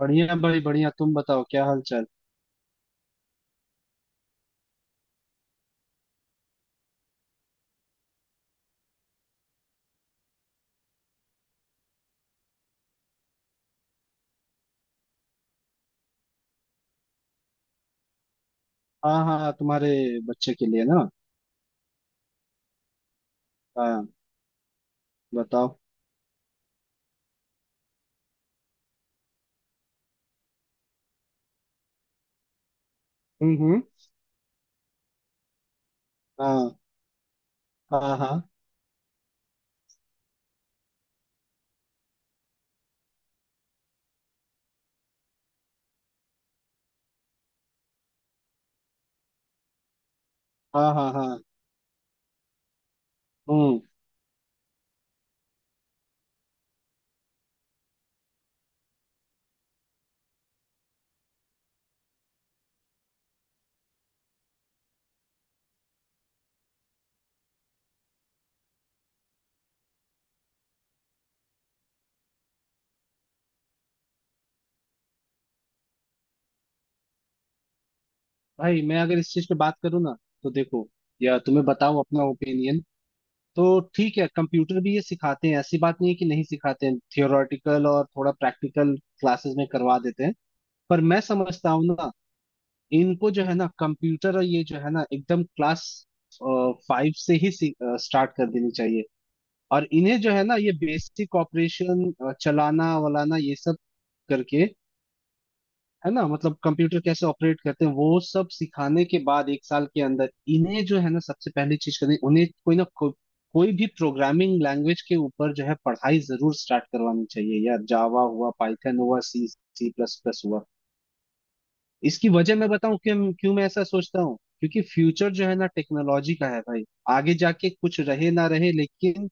बढ़िया भाई बढ़िया। तुम बताओ क्या हाल चाल। हाँ हाँ, तुम्हारे बच्चे के लिए ना। हाँ, बताओ। हम्म। हाँ हाँ हाँ हाँ हाँ। हाँ। हम्म। भाई मैं अगर इस चीज पे बात करूँ ना, तो देखो, या तुम्हें बताओ अपना ओपिनियन। तो ठीक है, कंप्यूटर भी ये सिखाते हैं, ऐसी बात नहीं है कि नहीं सिखाते हैं। थियोरेटिकल और थोड़ा प्रैक्टिकल क्लासेस में करवा देते हैं। पर मैं समझता हूँ ना, इनको जो है ना कंप्यूटर, और ये जो है ना, एकदम क्लास 5 से ही स्टार्ट कर देनी चाहिए। और इन्हें जो है ना ये बेसिक ऑपरेशन चलाना वलाना ये सब करके, है ना, मतलब कंप्यूटर कैसे ऑपरेट करते हैं वो सब सिखाने के बाद एक साल के अंदर इन्हें जो है ना सबसे पहली चीज करनी, उन्हें कोई भी प्रोग्रामिंग लैंग्वेज के ऊपर जो है पढ़ाई जरूर स्टार्ट करवानी चाहिए यार। जावा हुआ, पाइथन हुआ, सी सी प्लस प्लस हुआ। इसकी वजह मैं बताऊं क्यों, क्यों मैं ऐसा सोचता हूँ, क्योंकि फ्यूचर जो है ना टेक्नोलॉजी का है भाई। आगे जाके कुछ रहे ना रहे, लेकिन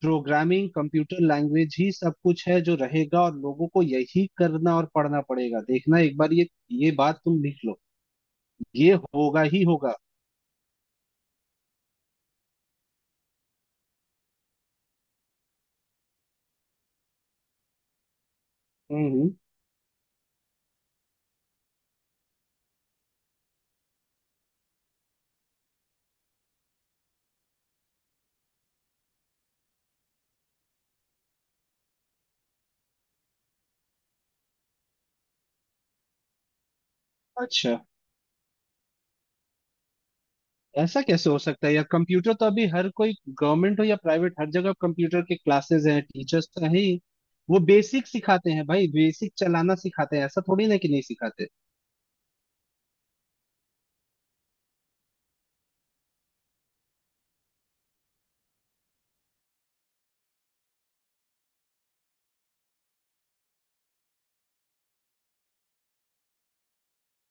प्रोग्रामिंग कंप्यूटर लैंग्वेज ही सब कुछ है जो रहेगा, और लोगों को यही करना और पढ़ना पड़ेगा। देखना एक बार, ये बात तुम लिख लो। ये होगा ही होगा। हम्म। अच्छा, ऐसा कैसे हो सकता है यार। कंप्यूटर तो अभी हर कोई, गवर्नमेंट हो या प्राइवेट, हर जगह कंप्यूटर के क्लासेस हैं, टीचर्स तो हैं ही। वो बेसिक सिखाते हैं भाई, बेसिक चलाना सिखाते हैं, ऐसा थोड़ी ना कि नहीं सिखाते।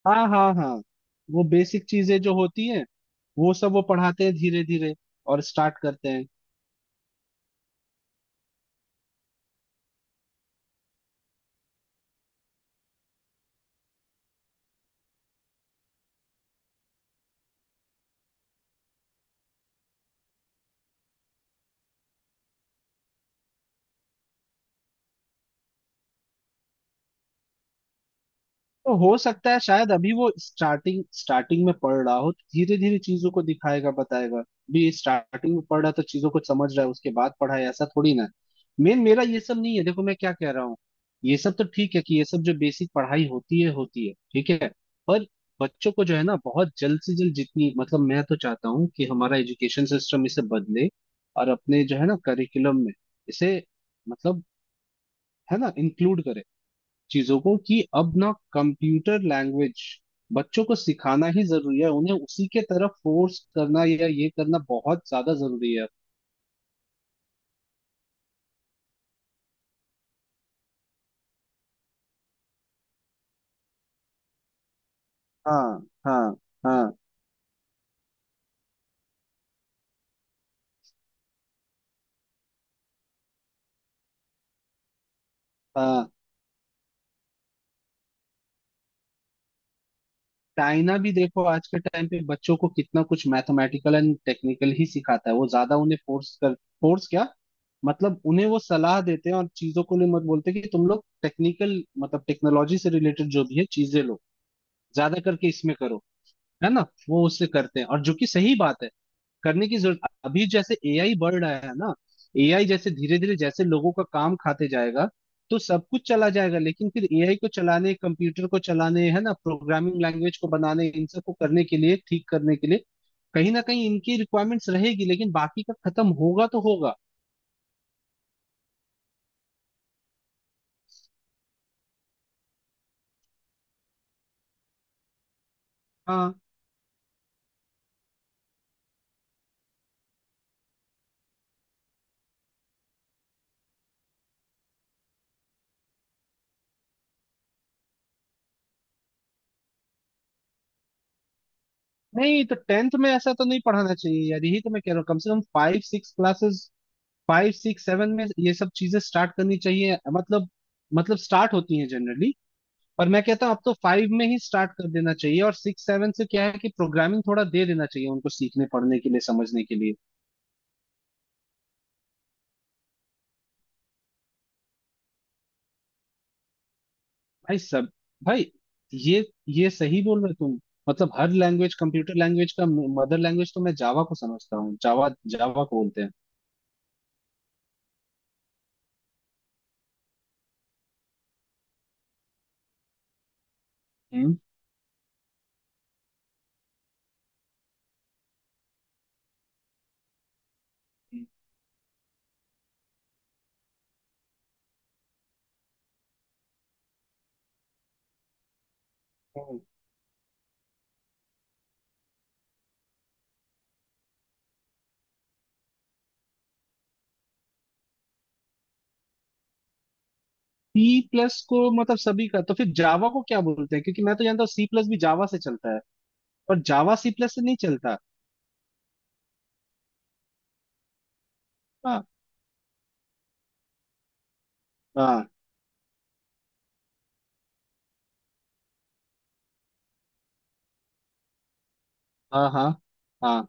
हाँ हाँ हाँ। वो बेसिक चीजें जो होती हैं, वो सब वो पढ़ाते हैं धीरे धीरे, और स्टार्ट करते हैं। तो हो सकता है शायद अभी वो स्टार्टिंग स्टार्टिंग में पढ़ रहा हो, धीरे धीरे चीजों को दिखाएगा बताएगा। भी स्टार्टिंग में पढ़ रहा तो चीजों को समझ रहा है, उसके बाद पढ़ा है, ऐसा थोड़ी ना। मेन मेरा ये सब नहीं है, देखो मैं क्या कह रहा हूँ। ये सब तो ठीक है कि ये सब जो बेसिक पढ़ाई होती है होती है, ठीक है। पर बच्चों को जो है ना बहुत जल्द से जल्द जितनी, मतलब मैं तो चाहता हूँ कि हमारा एजुकेशन सिस्टम इसे बदले, और अपने जो है ना करिकुलम में इसे, मतलब, है ना, इंक्लूड करे चीजों को कि अब ना कंप्यूटर लैंग्वेज बच्चों को सिखाना ही जरूरी है, उन्हें उसी के तरफ फोर्स करना या ये करना बहुत ज्यादा जरूरी है। हाँ हाँ हाँ हाँ। चाइना भी देखो, आज के टाइम पे बच्चों को कितना कुछ मैथमेटिकल एंड टेक्निकल ही सिखाता है, वो ज्यादा उन्हें फोर्स कर, फोर्स क्या, मतलब उन्हें वो सलाह देते हैं और चीजों को लिए मत बोलते कि तुम लोग टेक्निकल, मतलब टेक्नोलॉजी से रिलेटेड जो भी है चीजें लो, ज्यादा करके इसमें करो, है ना। वो उससे करते हैं, और जो कि सही बात है, करने की जरूरत। अभी जैसे एआई बढ़ रहा है ना। एआई जैसे धीरे धीरे जैसे लोगों का काम खाते जाएगा तो सब कुछ चला जाएगा, लेकिन फिर एआई को चलाने, कंप्यूटर को चलाने, है ना, प्रोग्रामिंग लैंग्वेज को बनाने, इन सब को करने के लिए, ठीक करने के लिए कहीं ना कहीं इनकी रिक्वायरमेंट्स रहेगी, लेकिन बाकी का खत्म होगा तो होगा। हाँ। नहीं, तो 10th में ऐसा तो नहीं पढ़ाना चाहिए यार, यही तो मैं कह रहा हूँ। कम से कम 5 6 क्लासेस, 5 6 7 में ये सब चीजें स्टार्ट करनी चाहिए, मतलब स्टार्ट होती हैं जनरली। पर मैं कहता हूँ अब तो 5 में ही स्टार्ट कर देना चाहिए, और 6 7 से क्या है कि प्रोग्रामिंग थोड़ा दे देना चाहिए उनको सीखने पढ़ने के लिए, समझने के लिए। भाई सब भाई ये ये सही बोल रहे हो तुम। मतलब हर लैंग्वेज, कंप्यूटर लैंग्वेज का मदर लैंग्वेज तो मैं जावा को समझता हूँ। जावा, जावा को बोलते हैं। हम्म। सी प्लस को, मतलब सभी का तो फिर जावा को क्या बोलते हैं, क्योंकि मैं तो जानता हूँ सी प्लस भी जावा से चलता है, पर जावा सी प्लस से नहीं चलता। हाँ हाँ हाँ हाँ। हाँ।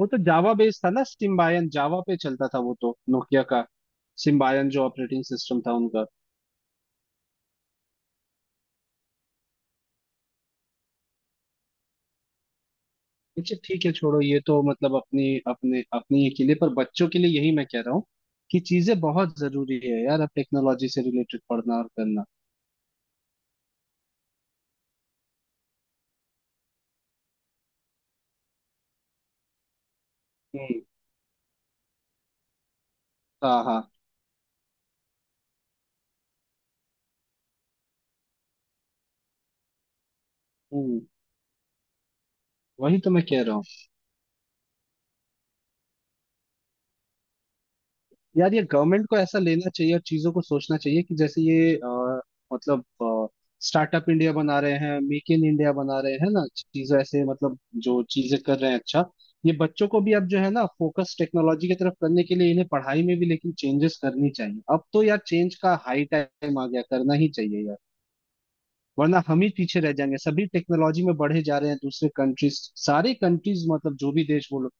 वो तो जावा बेस्ड था ना, सिम्बायन, जावा पे चलता था वो तो, नोकिया का, सिम्बायन जो ऑपरेटिंग सिस्टम था उनका। अच्छा ठीक है छोड़ो ये तो, मतलब अपनी ये के लिए, पर बच्चों के लिए यही मैं कह रहा हूँ कि चीजें बहुत जरूरी है यार, अब टेक्नोलॉजी से रिलेटेड पढ़ना और करना। हम्म। हाँ हाँ। हम्म। वही तो मैं कह रहा हूँ। यार ये गवर्नमेंट को ऐसा लेना चाहिए, और चीजों को सोचना चाहिए कि जैसे ये मतलब स्टार्टअप इंडिया बना रहे हैं, मेक इन इंडिया बना रहे हैं ना, चीजें ऐसे, मतलब जो चीजें कर रहे हैं, अच्छा, ये बच्चों को भी अब जो है ना फोकस टेक्नोलॉजी की तरफ करने के लिए इन्हें पढ़ाई में भी लेकिन चेंजेस करनी चाहिए। अब तो यार चेंज का हाई टाइम आ गया, करना ही चाहिए यार। वरना हम ही पीछे रह जाएंगे, सभी टेक्नोलॉजी में बढ़े जा रहे हैं दूसरे कंट्रीज, सारे कंट्रीज, मतलब जो भी देश बोलो,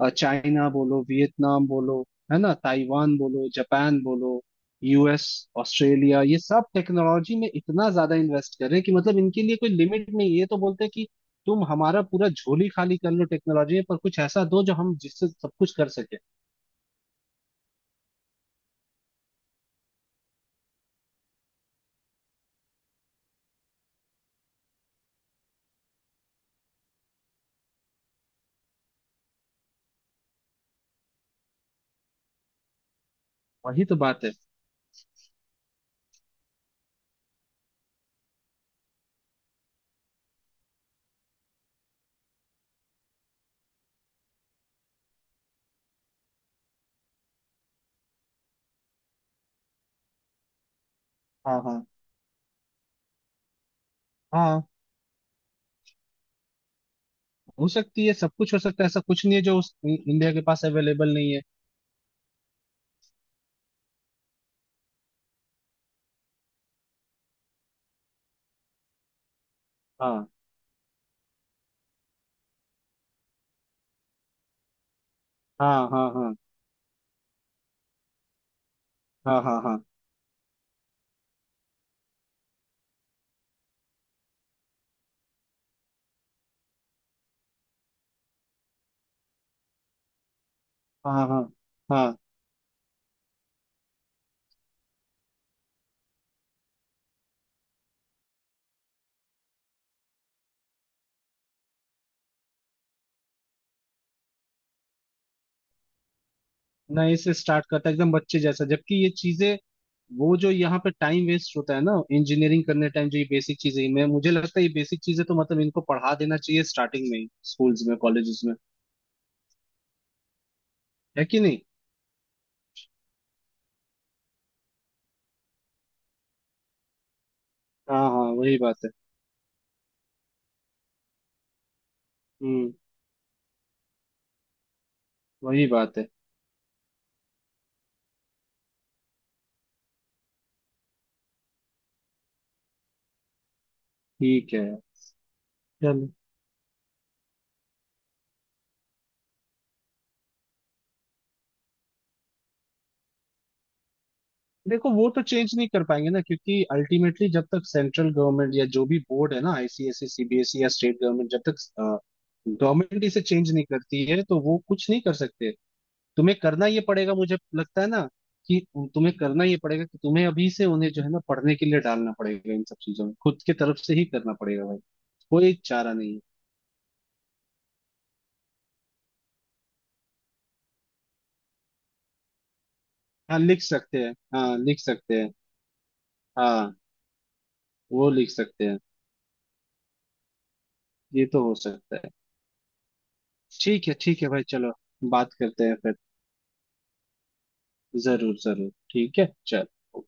चाइना बोलो, वियतनाम बोलो, है ना, ताइवान बोलो, जापान बोलो, यूएस, ऑस्ट्रेलिया, ये सब टेक्नोलॉजी में इतना ज्यादा इन्वेस्ट कर रहे हैं कि मतलब इनके लिए कोई लिमिट नहीं है, ये तो बोलते हैं कि तुम हमारा पूरा झोली खाली कर लो टेक्नोलॉजी में, पर कुछ ऐसा दो जो हम जिससे सब कुछ कर सके। वही तो बात है। हाँ। हाँ हाँ। हो सकती है, सब कुछ हो सकता है, ऐसा कुछ नहीं है जो उस इंडिया के पास अवेलेबल नहीं है। हाँ हाँ हाँ हाँ हाँ हाँ हाँ हाँ हाँ हाँ। नए से स्टार्ट करता है एकदम बच्चे जैसा, जबकि ये चीजें, वो जो यहाँ पे टाइम वेस्ट होता है ना इंजीनियरिंग करने टाइम, जो ये बेसिक चीजें, मैं, मुझे लगता है ये बेसिक चीजें तो मतलब इनको पढ़ा देना चाहिए स्टार्टिंग में ही, स्कूल्स में, कॉलेजेस में, है कि नहीं। हाँ हाँ, वही बात है। हम्म, वही बात है। ठीक है, चलो। देखो वो तो चेंज नहीं कर पाएंगे ना, क्योंकि अल्टीमेटली जब तक सेंट्रल गवर्नमेंट या जो भी बोर्ड है ना, आईसीएसई, सीबीएसई, या स्टेट गवर्नमेंट, जब तक गवर्नमेंट इसे चेंज नहीं करती है तो वो कुछ नहीं कर सकते। तुम्हें करना ये पड़ेगा, मुझे लगता है ना, कि तुम्हें करना ये पड़ेगा कि तुम्हें अभी से उन्हें जो है ना पढ़ने के लिए डालना पड़ेगा इन सब चीजों में, खुद के तरफ से ही करना पड़ेगा भाई, कोई चारा नहीं है। हाँ लिख सकते हैं, हाँ लिख सकते हैं। हाँ, वो लिख सकते हैं। ये तो हो सकता है। ठीक है ठीक है भाई, चलो। बात करते हैं फिर। जरूर जरूर, ठीक है, चल।